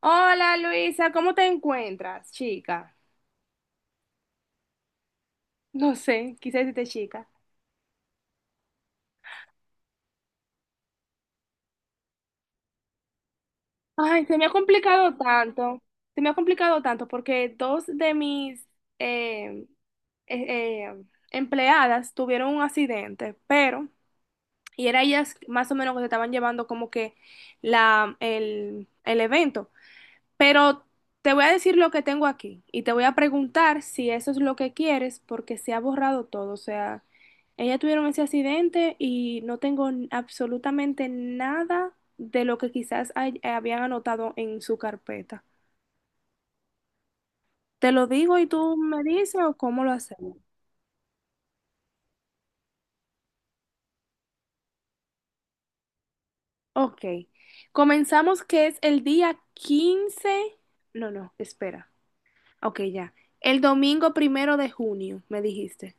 Hola Luisa, ¿cómo te encuentras, chica? No sé, quise decirte chica. Ay, se me ha complicado tanto, se me ha complicado tanto porque dos de mis eh, eh, eh, empleadas tuvieron un accidente, pero, y era ellas más o menos que se estaban llevando como que la, el evento. Pero te voy a decir lo que tengo aquí y te voy a preguntar si eso es lo que quieres porque se ha borrado todo. O sea, ella tuvieron ese accidente y no tengo absolutamente nada de lo que quizás habían anotado en su carpeta. Te lo digo y tú me dices o cómo lo hacemos. Ok. Comenzamos que es el día 15. No, no, espera. Ok, ya. El domingo 1 de junio, me dijiste.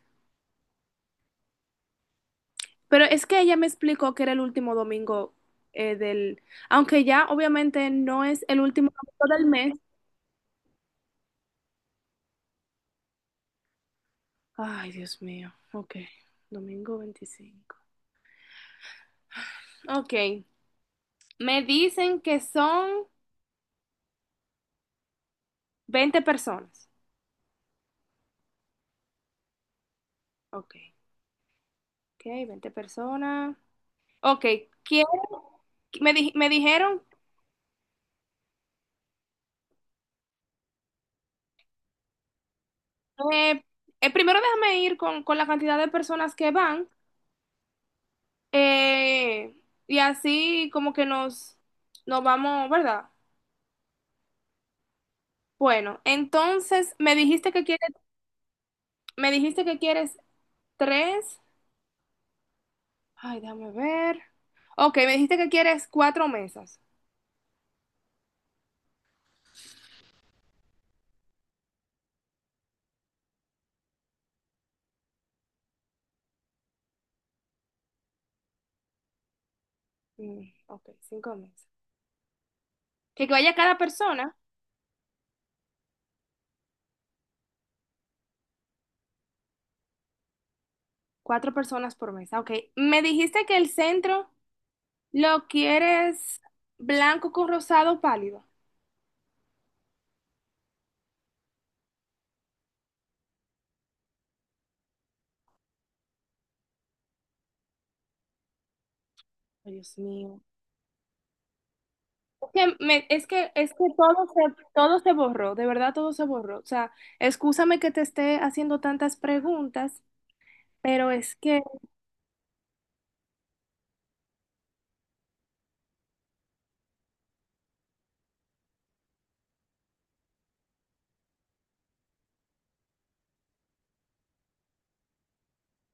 Pero es que ella me explicó que era el último domingo del, aunque ya obviamente no es el último domingo del mes. Ay, Dios mío. Ok, domingo 25. Ok, me dicen que son 20 personas. Ok, ok, 20 personas. Ok, quiero, me dijeron, eh, primero déjame ir con, la cantidad de personas que van, eh, y así como que nos vamos, ¿verdad? Bueno, entonces me dijiste que quieres, me dijiste que quieres tres. Ay, déjame ver. Ok, me dijiste que quieres cuatro mesas. Mm, ok, cinco mesas. Que vaya cada persona, cuatro personas por mesa. Ok, me dijiste que el centro lo quieres blanco con rosado pálido. Ay, Dios mío. Es que, todo se borró, de verdad todo se borró. O sea, excúsame que te esté haciendo tantas preguntas, pero es que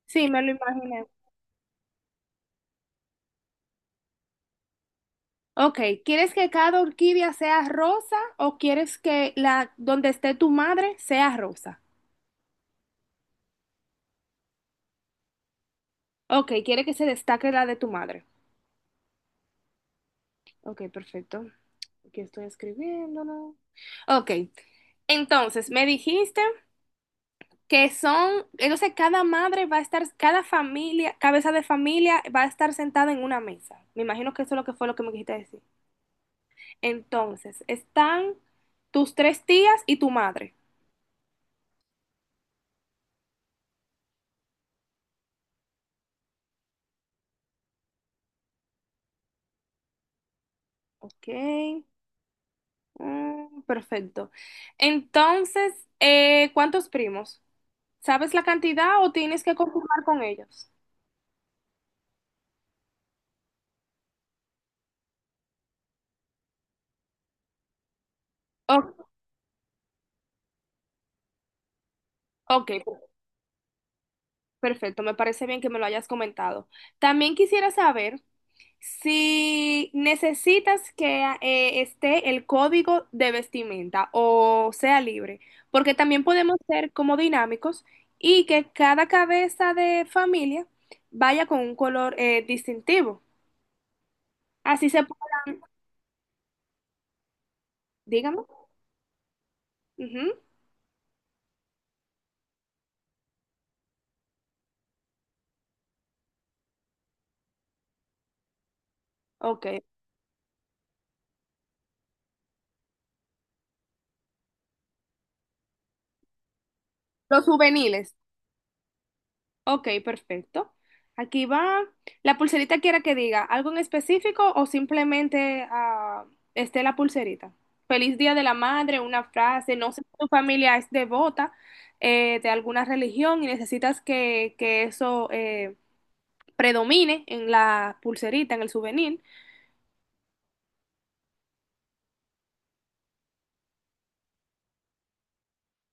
sí, me lo imaginé. Ok, ¿quieres que cada orquídea sea rosa o quieres que la donde esté tu madre sea rosa? Ok, quiere que se destaque la de tu madre. Ok, perfecto. Aquí estoy escribiéndolo. Ok, entonces me dijiste que son, entonces cada madre va a estar, cada familia, cabeza de familia va a estar sentada en una mesa. Me imagino que eso es lo que fue lo que me quisiste decir. Entonces, están tus tres tías y tu madre. Ok. Mm, perfecto. Entonces, ¿cuántos primos? ¿Sabes la cantidad o tienes que confirmar con ellos? O- ok, perfecto. Me parece bien que me lo hayas comentado. También quisiera saber si necesitas que esté el código de vestimenta o sea libre, porque también podemos ser como dinámicos y que cada cabeza de familia vaya con un color distintivo. Así se puede, dígame. Ujú. Ok. Los juveniles. Ok, perfecto. Aquí va. ¿La pulserita quiera que diga algo en específico o simplemente esté la pulserita? Feliz Día de la Madre, una frase. No sé si tu familia es devota de alguna religión y necesitas que eso predomine en la pulserita, en el souvenir.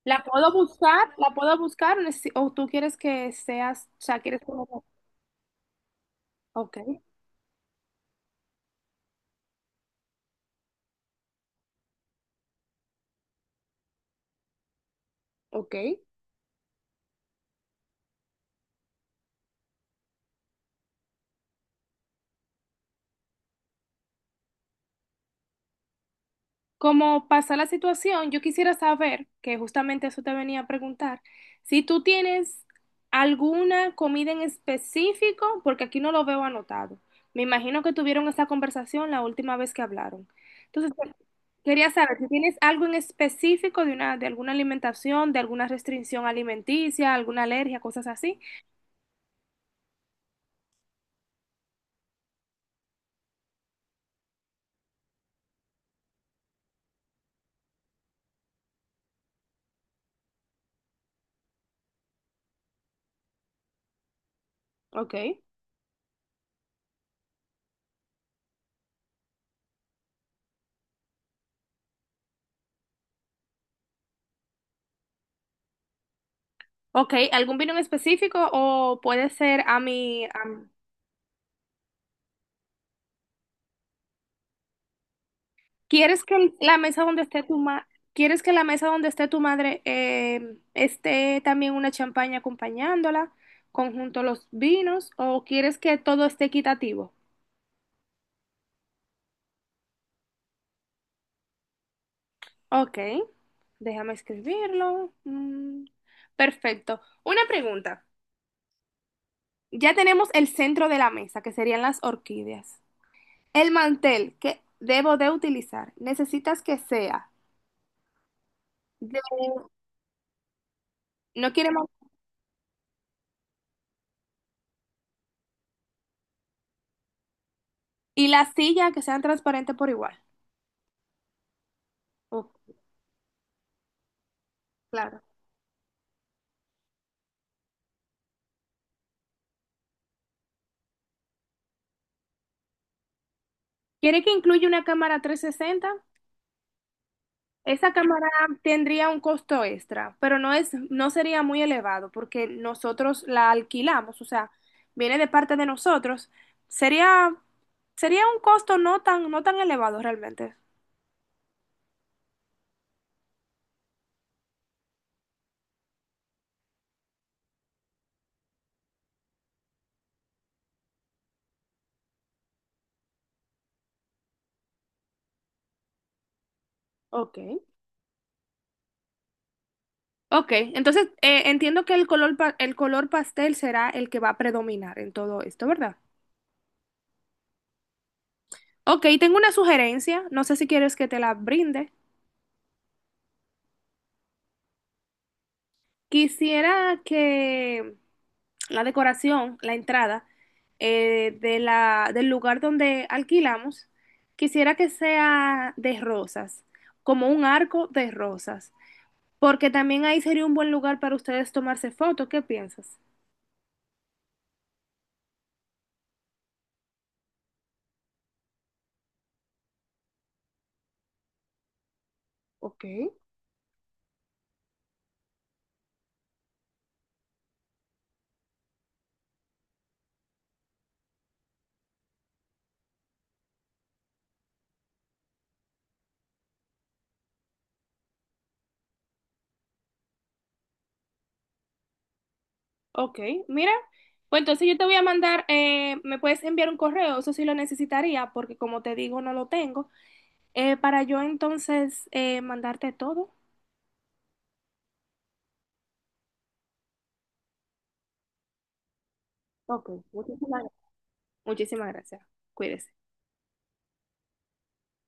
¿La puedo buscar? ¿La puedo buscar? Necesi- ¿o tú quieres que seas, o sea, quieres como... Ok, ok. Como pasa la situación, yo quisiera saber, que justamente eso te venía a preguntar, si tú tienes alguna comida en específico, porque aquí no lo veo anotado. Me imagino que tuvieron esa conversación la última vez que hablaron. Entonces, quería saber si tienes algo en específico de una, de alguna alimentación, de alguna restricción alimenticia, alguna alergia, cosas así. Ok. Ok, ¿algún vino en específico o puede ser a mi, ¿quieres que la mesa donde esté ¿quieres que la mesa donde esté tu madre esté también una champaña acompañándola, conjunto los vinos, o quieres que todo esté equitativo? Ok, déjame escribirlo. Mm, perfecto. Una pregunta. Ya tenemos el centro de la mesa, que serían las orquídeas. El mantel que debo de utilizar, necesitas que sea de- no quiere man- y la silla que sean transparentes por igual. Oh, claro. ¿Quiere que incluya una cámara 360? Esa cámara tendría un costo extra, pero no es, no sería muy elevado porque nosotros la alquilamos, o sea, viene de parte de nosotros. Sería, sería un costo no tan, no tan elevado realmente. Ok. Ok, entonces entiendo que el color, el color pastel será el que va a predominar en todo esto, ¿verdad? Ok, tengo una sugerencia, no sé si quieres que te la brinde. Quisiera que la decoración, la entrada de la, del lugar donde alquilamos, quisiera que sea de rosas, como un arco de rosas, porque también ahí sería un buen lugar para ustedes tomarse fotos. ¿Qué piensas? Ok. Ok, mira, pues entonces yo te voy a mandar, me puedes enviar un correo, eso sí lo necesitaría, porque como te digo, no lo tengo, para yo entonces mandarte todo. Ok, muchísimas gracias. Cuídese.